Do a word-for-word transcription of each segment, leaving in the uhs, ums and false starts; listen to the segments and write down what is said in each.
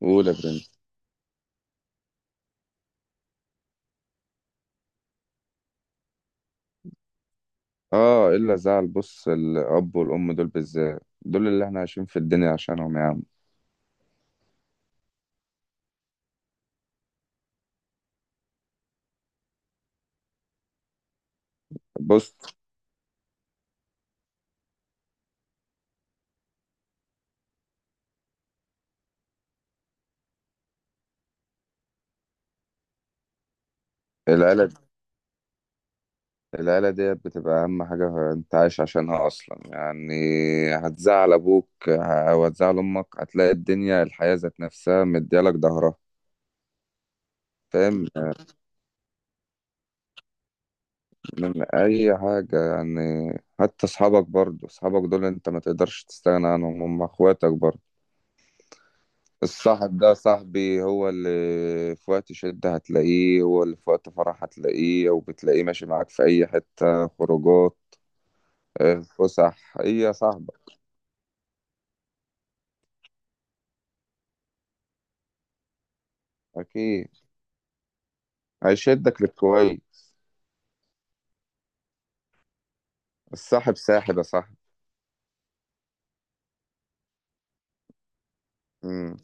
قول يا برنس. اه، الا زعل. بص، الاب والام دول بالذات دول اللي احنا عايشين في الدنيا عشانهم يا عم. بص، العيلة العيلة ديت بتبقى أهم حاجة أنت عايش عشانها أصلا يعني. هتزعل أبوك ه- وهتزعل أمك، هتلاقي الدنيا الحياة ذات نفسها مديالك ظهرها. فاهم يعني؟ من أي حاجة يعني. حتى أصحابك برضو، أصحابك دول أنت ما تقدرش تستغنى عنهم، هم أخواتك برضو. الصاحب ده صاحبي هو اللي في وقت شدة هتلاقيه، هو اللي في وقت فرح هتلاقيه وبتلاقيه ماشي معاك في أي حتة خروجات. آه، فسح هي صاحبك. أكيد. هيشدك للكويس. الصاحب ساحب يا صاحبي. مم.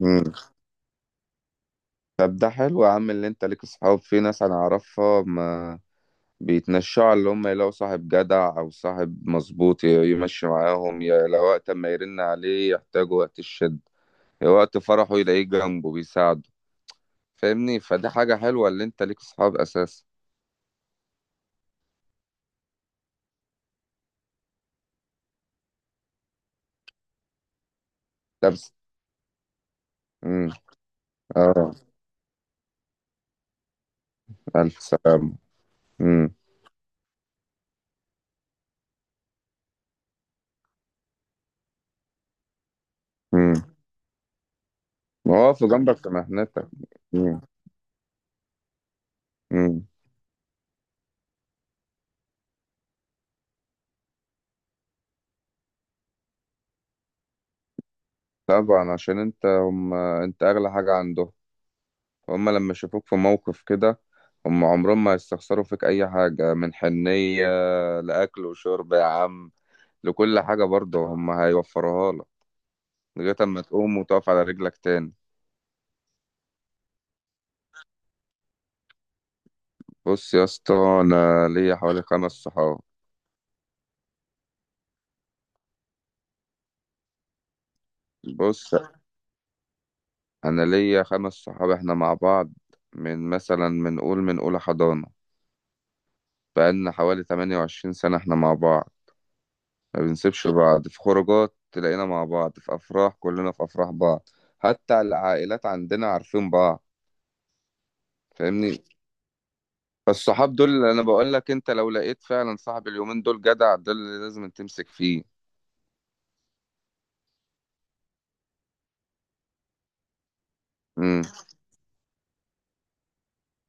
مم. طب ده حلو يا عم اللي انت ليك صحاب. في ناس انا اعرفها ما بيتنشعوا، اللي هم يلاقوا صاحب جدع او صاحب مظبوط ي- يمشي معاهم، يا لو وقت ما يرن عليه يحتاجوا وقت الشد يا وقت فرحه يلاقيه جنبه بيساعده. فاهمني؟ فدي حاجة حلوة اللي انت ليك صحاب اساسا. طب. امم. اه، الف سلامة. امم. امم. واقف جنبك في مهنتك. امم. امم. طبعا عشان انت، هم انت اغلى حاجة عندهم. هم لما يشوفوك في موقف كده، هم عمرهم ما يستخسروا فيك اي حاجة من حنية. لاكل وشرب يا عم. لكل حاجة برضه هم هيوفروها لك. لغاية اما تقوم وتقف على رجلك تاني. بص يا اسطى، انا ليا حوالي خمس صحاب. بص، انا ليا خمس صحاب احنا مع بعض من مثلا، من قول، من اولى حضانة. بقالنا حوالي 28 سنة احنا مع بعض. ما بنسيبش بعض في خروجات، تلاقينا مع بعض في افراح، كلنا في افراح بعض. حتى العائلات عندنا عارفين بعض. فاهمني؟ فالصحاب دول اللي انا بقول لك، انت لو لقيت فعلا صاحب اليومين دول جدع، ده اللي لازم تمسك فيه. امم.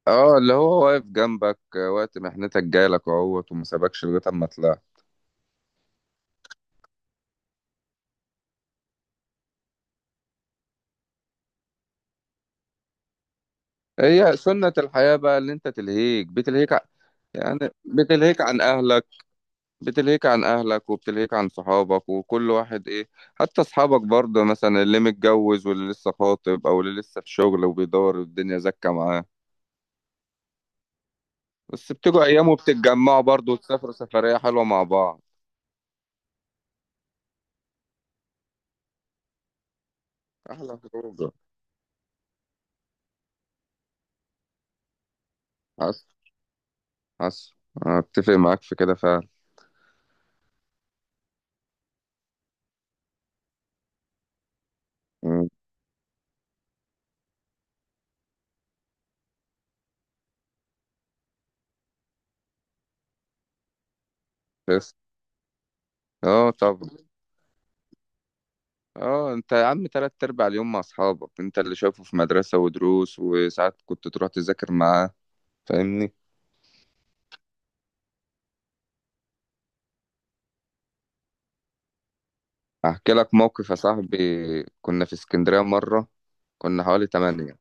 اه، اللي هو واقف جنبك آه، وقت محنتك جايلك اهوت وما سابكش لغايه اما طلعت. هي سنة الحياة بقى اللي انت تلهيك بتلهيك ع- يعني. بتلهيك عن اهلك. بتلهيك عن اهلك وبتلهيك عن صحابك وكل واحد ايه. حتى اصحابك برضه مثلا، اللي متجوز واللي لسه خاطب او اللي لسه في شغل وبيدور والدنيا زكة معاه. بس بتيجوا ايام وبتتجمعوا برضه وتسافروا سفرية حلوة مع بعض. احلى خروجة. حصل. حصل. أنا اتفق معاك في كده فعلا. مم. بس اه، طب اه، انت يا عم تلات ارباع اليوم مع اصحابك انت اللي شايفه في مدرسة ودروس، وساعات كنت تروح تذاكر معاه. فاهمني؟ احكي لك موقف يا صاحبي. كنا في اسكندرية مرة. كنا حوالي تمانية.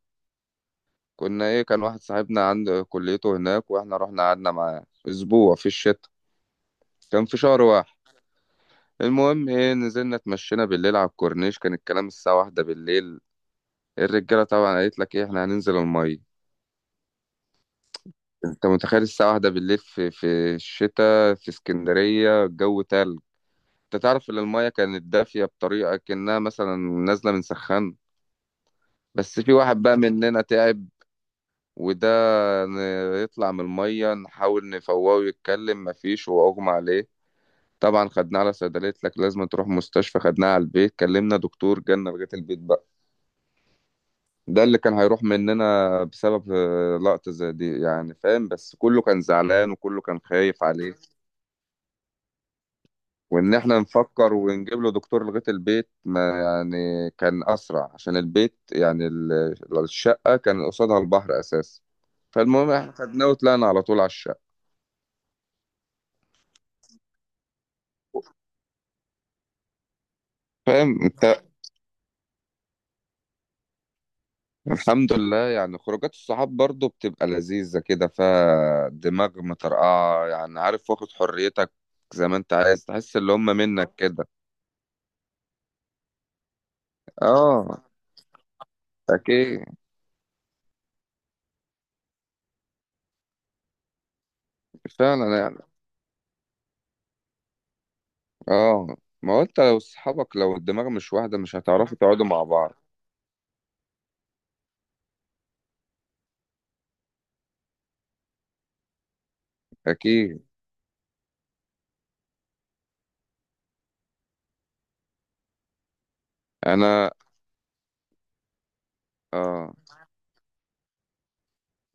كنا ايه، كان واحد صاحبنا عند كليته هناك واحنا رحنا قعدنا معاه اسبوع في الشتاء. كان في شهر واحد. المهم ايه، نزلنا اتمشينا بالليل على الكورنيش، كان الكلام الساعة واحدة بالليل. الرجالة طبعا قالت لك ايه، احنا هننزل المية. انت متخيل الساعة واحدة بالليل في في الشتاء في اسكندرية الجو تلج. انت تعرف ان المايه كانت دافيه بطريقه كانها مثلا نازله من سخان. بس في واحد بقى مننا تعب. وده ن- يطلع من الميه نحاول نفوقه ويتكلم مفيش، هو اغمى عليه. طبعا خدناه على صيدليه، لك لازم تروح مستشفى، خدناه على البيت كلمنا دكتور جالنا لغايه البيت بقى. ده اللي كان هيروح مننا بسبب آه، لقطه زي دي يعني، فاهم؟ بس كله كان زعلان وكله كان خايف عليه. وان احنا نفكر ونجيب له دكتور لغايه البيت، ما يعني كان اسرع عشان البيت يعني، ال- الشقه كان قصادها البحر اساسا. فالمهم احنا خدناه وطلعنا على طول على الشقه. فاهم انت؟ الحمد لله يعني خروجات الصحاب برضو بتبقى لذيذه كده، فيها دماغ مطرقعه يعني، عارف، واخد حريتك زي ما انت عايز، تحس اللي هم منك كده. اه، اكيد. فعلا يعني، اه، ما هو انت لو صحابك لو الدماغ مش واحده مش هتعرفوا تقعدوا مع بعض. اكيد. انا آه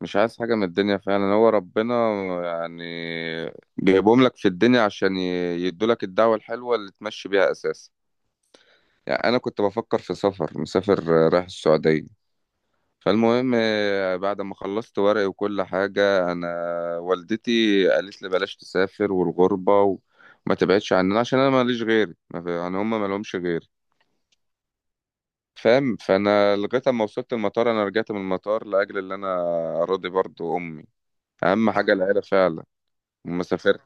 مش عايز حاجه من الدنيا فعلا، هو ربنا يعني جايبهم لك في الدنيا عشان يدوا لك الدعوه الحلوه اللي تمشي بيها اساسا يعني. انا كنت بفكر في سفر مسافر، آه، رايح السعوديه. فالمهم، آه، بعد ما خلصت ورقي وكل حاجه انا، والدتي قالت لي بلاش تسافر والغربه وما تبعدش عننا، عشان انا ماليش غيري، ما في- يعني هم ما لهمش غيري. فاهم؟ فانا لغايه اما وصلت المطار، انا رجعت من المطار لاجل اللي انا راضي برضو امي. اهم حاجه العيله فعلا. لما سافرت.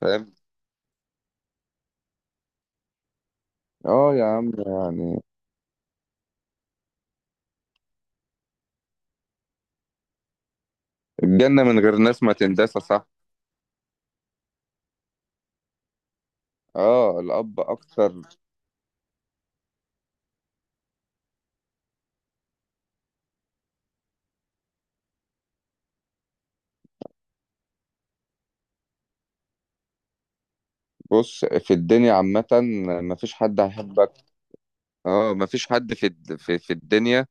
فاهم؟ اه يا عم يعني. الجنه من غير ناس ما تندسى صح. اه، الاب اكتر. بص في الدنيا عامه، مفيش حد هيحبك. اه، مفيش حد في الد- في في الدنيا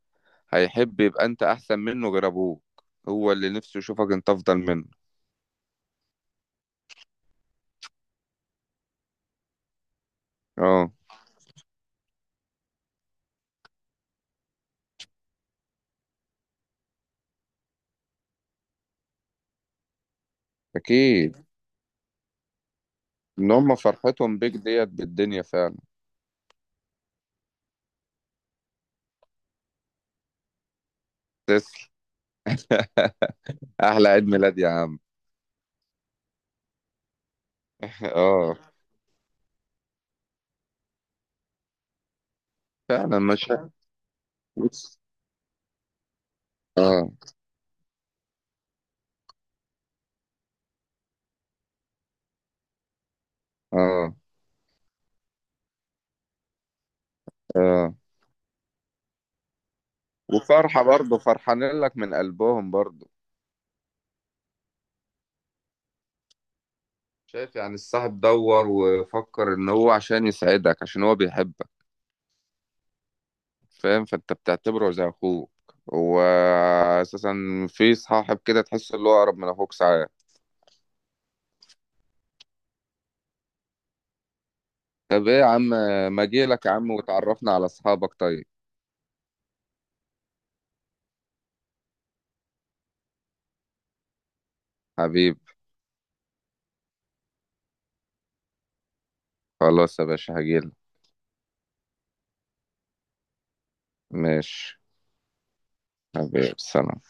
هيحب يبقى انت احسن منه غير ابوك. هو اللي نفسه يشوفك انت افضل منه. اه، اكيد. ان هم فرحتهم بيك ديت بالدنيا فعلا. تسلم. احلى عيد ميلاد يا عم. اه. فعلا مش. بص. اه. اه. اه، وفرحة برضه فرحانين لك من قلبهم برضه. شايف يعني الصاحب دور وفكر ان هو عشان يسعدك، عشان هو بيحبك. فاهم؟ فانت بتعتبره زي اخوك هو اساسا. في صاحب كده تحس اللي هو اقرب من اخوك ساعات. طب ايه يا عم. ما اجيلك يا عم وتعرفنا على اصحابك طيب. حبيب. خلاص يا باشا هجيلك. ماشي. حبيب سلام.